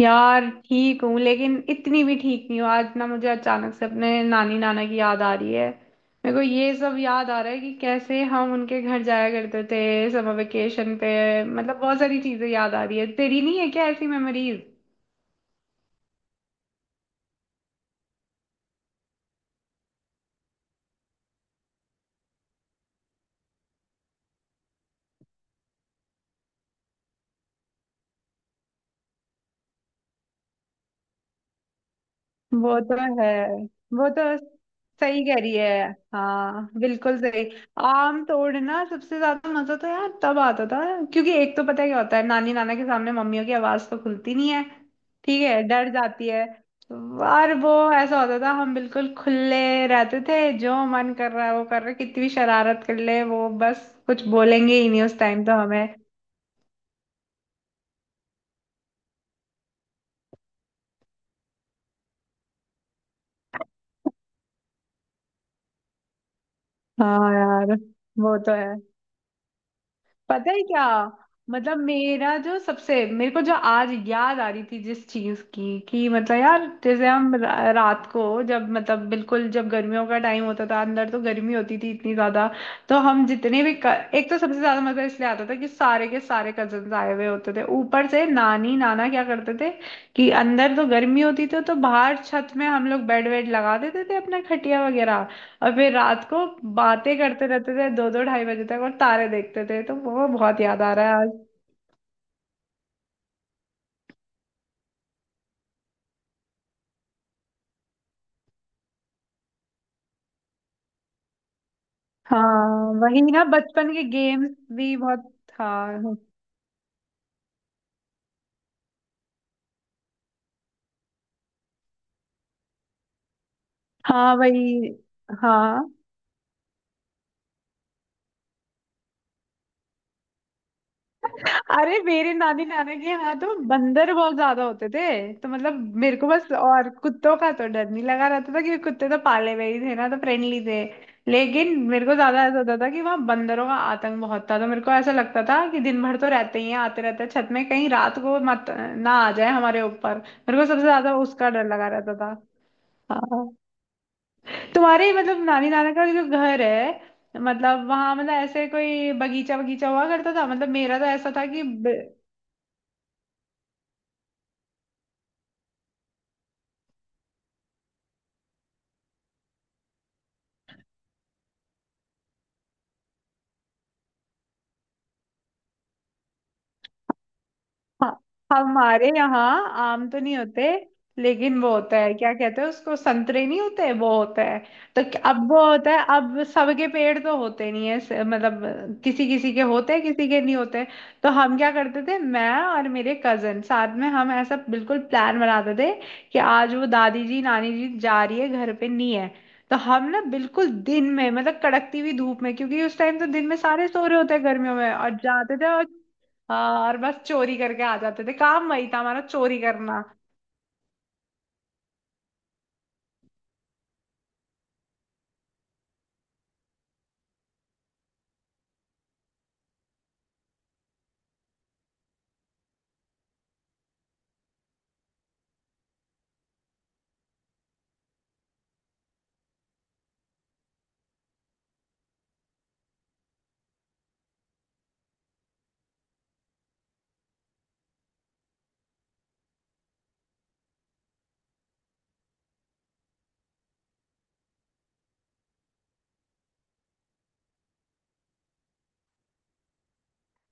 यार ठीक हूँ, लेकिन इतनी भी ठीक नहीं हूँ। आज ना मुझे अचानक से अपने नानी नाना की याद आ रही है। मेरे को ये सब याद आ रहा है कि कैसे हम उनके घर जाया करते थे समर वेकेशन पे। मतलब बहुत सारी चीजें याद आ रही है। तेरी नहीं है क्या ऐसी मेमोरीज? वो तो है। वो तो सही कह रही है। हाँ, बिल्कुल सही। आम तोड़ना सबसे ज्यादा मजा तो यार तब आता था, क्योंकि एक तो पता है क्या होता है, नानी नाना के सामने मम्मियों की आवाज तो खुलती नहीं है। ठीक है, डर जाती है। और वो ऐसा होता था, हम बिल्कुल खुले रहते थे, जो मन कर रहा है वो कर रहे, कितनी भी शरारत कर ले वो बस कुछ बोलेंगे ही नहीं उस टाइम तो हमें। हाँ यार, वो तो है। पता है क्या, मतलब मेरा जो सबसे मेरे को जो आज याद आ रही थी जिस चीज की कि मतलब यार, जैसे हम रात को जब मतलब बिल्कुल जब गर्मियों का टाइम होता था, अंदर तो गर्मी होती थी इतनी ज्यादा। तो हम जितने भी एक तो सबसे ज्यादा मजा इसलिए आता था कि सारे के सारे कजन आए हुए होते थे, ऊपर से नानी नाना क्या करते थे कि अंदर तो गर्मी होती थी, तो बाहर छत में हम लोग बेड वेड लगा देते थे अपना खटिया वगैरह। और फिर रात को बातें करते रहते थे दो दो ढाई बजे तक, और तारे देखते थे, तो वो बहुत याद आ रहा है आज। हाँ वही ना, बचपन के गेम्स भी बहुत था। हाँ वही। हाँ। अरे, मेरे नानी नाना के यहाँ तो बंदर बहुत ज्यादा होते थे, तो मतलब मेरे को बस, और कुत्तों का तो डर नहीं लगा रहता था क्योंकि कुत्ते तो पाले हुए ही थे ना, तो फ्रेंडली थे। लेकिन मेरे को ज्यादा ऐसा होता था कि वहाँ बंदरों का आतंक बहुत था, तो मेरे को ऐसा लगता था कि दिन भर तो रहते ही हैं, आते रहते हैं छत में, कहीं रात को मत ना आ जाए हमारे ऊपर। मेरे को सबसे ज्यादा उसका डर लगा रहता था। हाँ। तुम्हारे मतलब नानी नाना का जो घर है, मतलब वहां, मतलब ऐसे कोई बगीचा बगीचा हुआ करता था? मतलब मेरा तो ऐसा था कि हाँ, हमारे यहाँ आम तो नहीं होते, लेकिन वो होता है, क्या कहते हैं उसको, संतरे नहीं होते, वो होता है। तो अब वो होता है, अब सबके पेड़ तो होते नहीं है, मतलब किसी किसी के होते हैं, किसी के नहीं होते। तो हम क्या करते थे, मैं और मेरे कजन साथ में हम ऐसा बिल्कुल प्लान बनाते थे कि आज वो दादी जी, नानी जी जा रही है, घर पे नहीं है, तो हम ना बिल्कुल दिन में, मतलब कड़कती हुई धूप में, क्योंकि उस टाइम तो दिन में सारे सो रहे होते हैं गर्मियों में, और जाते थे, और हाँ, और बस चोरी करके आ जाते थे। काम वही था हमारा, चोरी करना।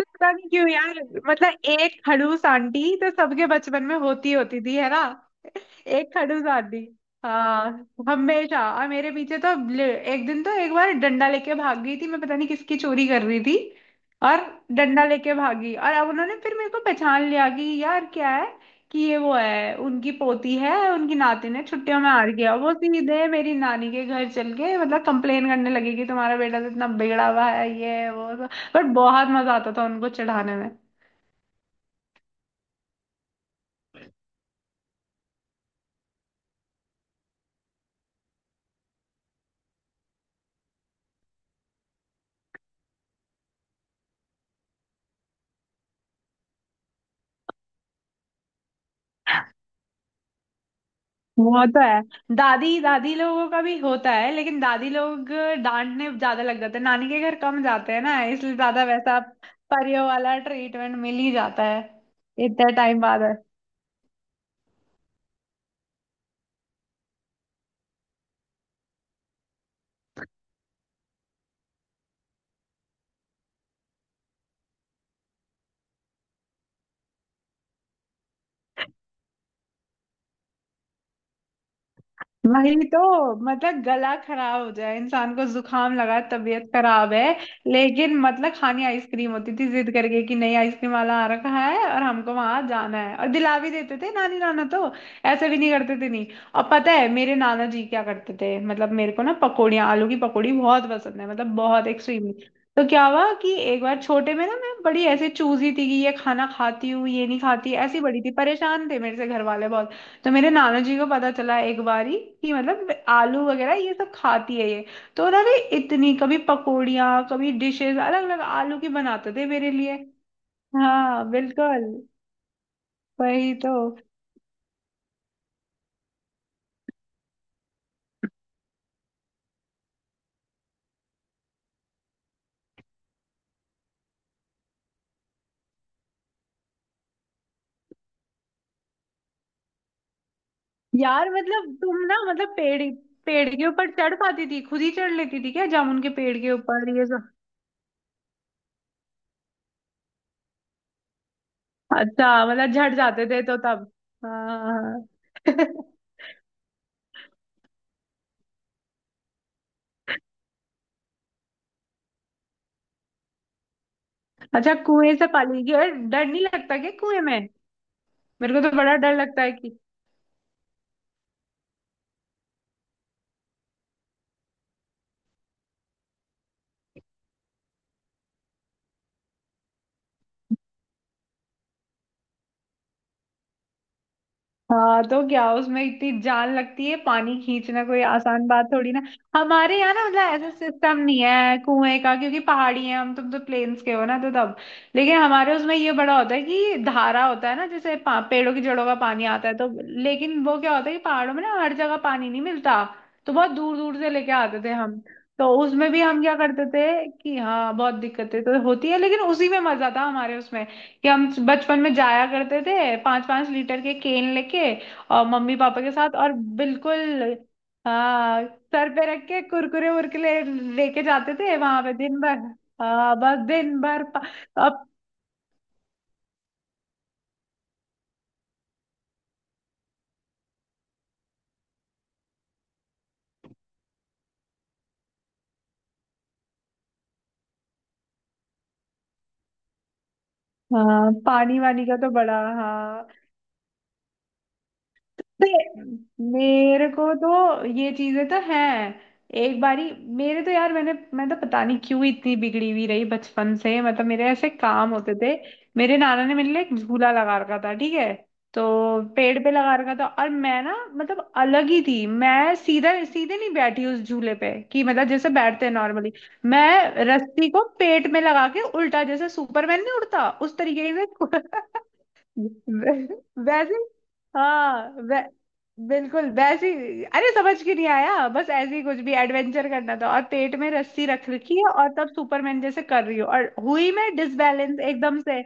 पता नहीं क्यों यार, मतलब एक खड़ूस आंटी तो सबके बचपन में होती होती थी है ना, एक खड़ूस आंटी। हाँ हमेशा, और मेरे पीछे तो ले- एक दिन तो, एक बार डंडा लेके भाग गई थी, मैं पता नहीं किसकी चोरी कर रही थी, और डंडा लेके भागी। और अब उन्होंने फिर मेरे को पहचान लिया कि यार क्या है, कि ये वो है, उनकी पोती है, उनकी नातिन है, छुट्टियों में आ रही है, और वो सीधे मेरी नानी के घर चल के मतलब कंप्लेन करने लगी कि तुम्हारा बेटा तो इतना बिगड़ा हुआ है, ये है, वो। पर बहुत मजा आता था उनको चढ़ाने में। वो तो है, दादी दादी लोगों का भी होता है, लेकिन दादी लोग डांटने ज्यादा लग जाते हैं, नानी के घर कम जाते हैं ना इसलिए, ज्यादा वैसा परियों वाला ट्रीटमेंट मिल ही जाता है इतने टाइम बाद। वही तो, मतलब गला खराब हो जाए, इंसान को जुकाम लगा, तबीयत खराब है, लेकिन मतलब खानी आइसक्रीम होती थी जिद करके, कि नहीं, आइसक्रीम वाला आ रखा है और हमको वहां जाना है, और दिला भी देते थे नानी नाना तो, ऐसे भी नहीं करते थे नहीं। और पता है मेरे नाना जी क्या करते थे, मतलब मेरे को ना पकौड़ियाँ, आलू की पकौड़ी बहुत पसंद है, मतलब बहुत एक्सट्रीमली। तो क्या हुआ कि एक बार छोटे में ना मैं बड़ी ऐसे चूजी थी कि ये खाना खाती हूँ, ये नहीं खाती, ऐसी बड़ी थी, परेशान थे मेरे से घर वाले बहुत। तो मेरे नाना जी को पता चला एक बारी कि मतलब आलू वगैरह ये सब खाती है ये, तो ना वे इतनी कभी पकौड़ियाँ, कभी डिशेस अलग अलग आलू की बनाते थे मेरे लिए। हाँ, बिल्कुल। वही तो यार, मतलब तुम ना, मतलब पेड़, पेड़ के ऊपर चढ़ पाती थी, खुद ही चढ़ लेती थी क्या जामुन के पेड़ के ऊपर ये सब? अच्छा, मतलब झड़ जाते थे तो तब। हाँ। अच्छा, कुएं से पाली गई? और डर नहीं लगता क्या कुएं में? मेरे को तो बड़ा डर लगता है। हाँ तो क्या, उसमें इतनी जान लगती है, पानी खींचना कोई आसान बात थोड़ी ना। हमारे यहाँ ना, मतलब ऐसा सिस्टम नहीं है कुएं का, क्योंकि पहाड़ी है हम, तुम तो प्लेन्स के हो ना, तो तब। लेकिन हमारे उसमें ये बड़ा होता है कि धारा होता है ना, जैसे पेड़ों की जड़ों का पानी आता है तो। लेकिन वो क्या होता है कि पहाड़ों में ना हर जगह पानी नहीं मिलता। तो बहुत दूर दूर से लेके आते थे हम। तो उसमें भी हम क्या करते थे कि हाँ, बहुत दिक्कतें तो होती है, लेकिन उसी में मजा था हमारे उसमें, कि हम बचपन में जाया करते थे पांच पांच लीटर के केन लेके, और मम्मी पापा के साथ, और बिल्कुल, हाँ, सर पे रख के कुरकुरे वुरकुरे लेके जाते थे वहां पे दिन भर। हाँ, बस दिन भर अब हाँ पानी वानी का तो बड़ा, हाँ। अरे, मेरे को तो ये चीजें तो हैं। एक बारी मेरे तो यार, मैं तो पता नहीं क्यों इतनी बिगड़ी हुई रही बचपन से, मतलब मेरे ऐसे काम होते थे। मेरे नाना ने मेरे लिए एक झूला लगा रखा था, ठीक है, तो पेड़ पे लगा रखा था, और मैं ना मतलब अलग ही थी मैं, सीधा सीधे नहीं बैठी उस झूले पे कि मतलब जैसे बैठते हैं नॉर्मली। मैं रस्सी को पेट में लगा के उल्टा, जैसे सुपरमैन नहीं उड़ता, उस तरीके से। वै- वैसे, हाँ बिल्कुल वैसे अरे समझ के नहीं आया, बस ऐसे ही कुछ भी एडवेंचर करना था, और पेट में रस्सी रख रखी है, और तब सुपरमैन जैसे कर रही हूँ, और हुई मैं डिसबैलेंस एकदम से।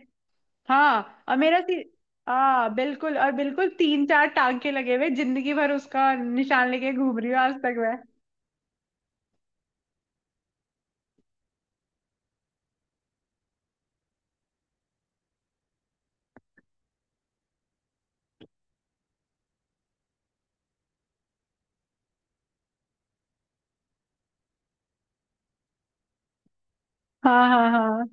हाँ और मेरा सी हाँ बिल्कुल, और बिल्कुल तीन चार टांके लगे हुए, जिंदगी भर उसका निशान लेके घूम रही हूँ आज तक मैं। हाँ हाँ हाँ।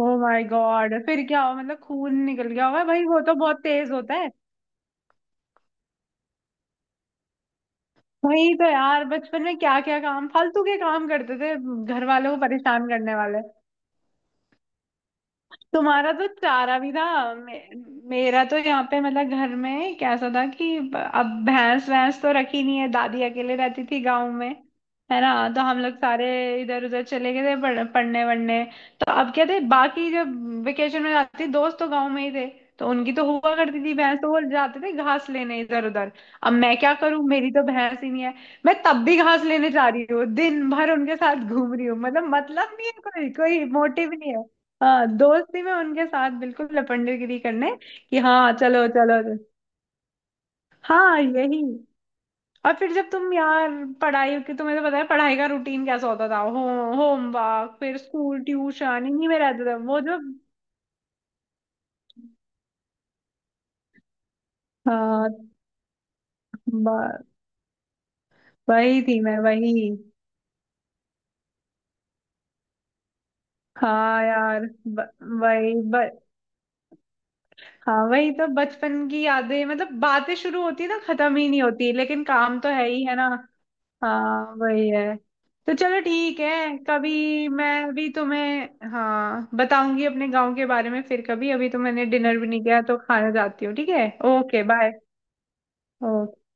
ओ माय गॉड, फिर क्या हुआ, मतलब खून निकल गया होगा भाई, वो तो बहुत तेज होता। वही तो यार, बचपन में क्या क्या काम, फालतू के काम करते थे, घर वालों को परेशान करने वाले। तुम्हारा तो चारा भी था मेरा तो यहाँ पे मतलब घर में कैसा था कि अब भैंस भैंस तो रखी नहीं है, दादी अकेले रहती थी गांव में, है ना, तो हम लोग सारे इधर उधर चले गए थे पढ़ने वढ़ने। तो अब क्या थे बाकी, जब वेकेशन में जाती थी, दोस्त तो गांव में ही थे, तो उनकी तो हुआ करती थी भैंस, तो वो जाते थे घास लेने इधर उधर। अब मैं क्या करूं, मेरी तो भैंस ही नहीं है, मैं तब भी घास लेने जा रही हूँ, दिन भर उनके साथ घूम रही हूँ, मतलब मतलब नहीं है कोई, कोई मोटिव नहीं है। हाँ, दोस्ती में उनके साथ बिल्कुल लपंडेगिरी करने, कि हाँ चलो चलो चलो। हाँ, यही। और फिर जब तुम यार पढ़ाई की, तुम्हें तो पता है पढ़ाई का रूटीन कैसा होता था, होमवर्क फिर स्कूल ट्यूशन इन्हीं में रहते थे वो जो। हाँ। ब- वही थी मैं, वही। हाँ यार, वही हाँ, वही तो बचपन की यादें, मतलब बातें शुरू होती है ना खत्म ही नहीं होती, लेकिन काम तो है ही है ना। हाँ, वही है। तो चलो ठीक है, कभी मैं भी तुम्हें हाँ बताऊंगी अपने गांव के बारे में फिर कभी, अभी तो मैंने डिनर भी नहीं किया, तो खाना जाती हूँ, ठीक है? Okay, bye.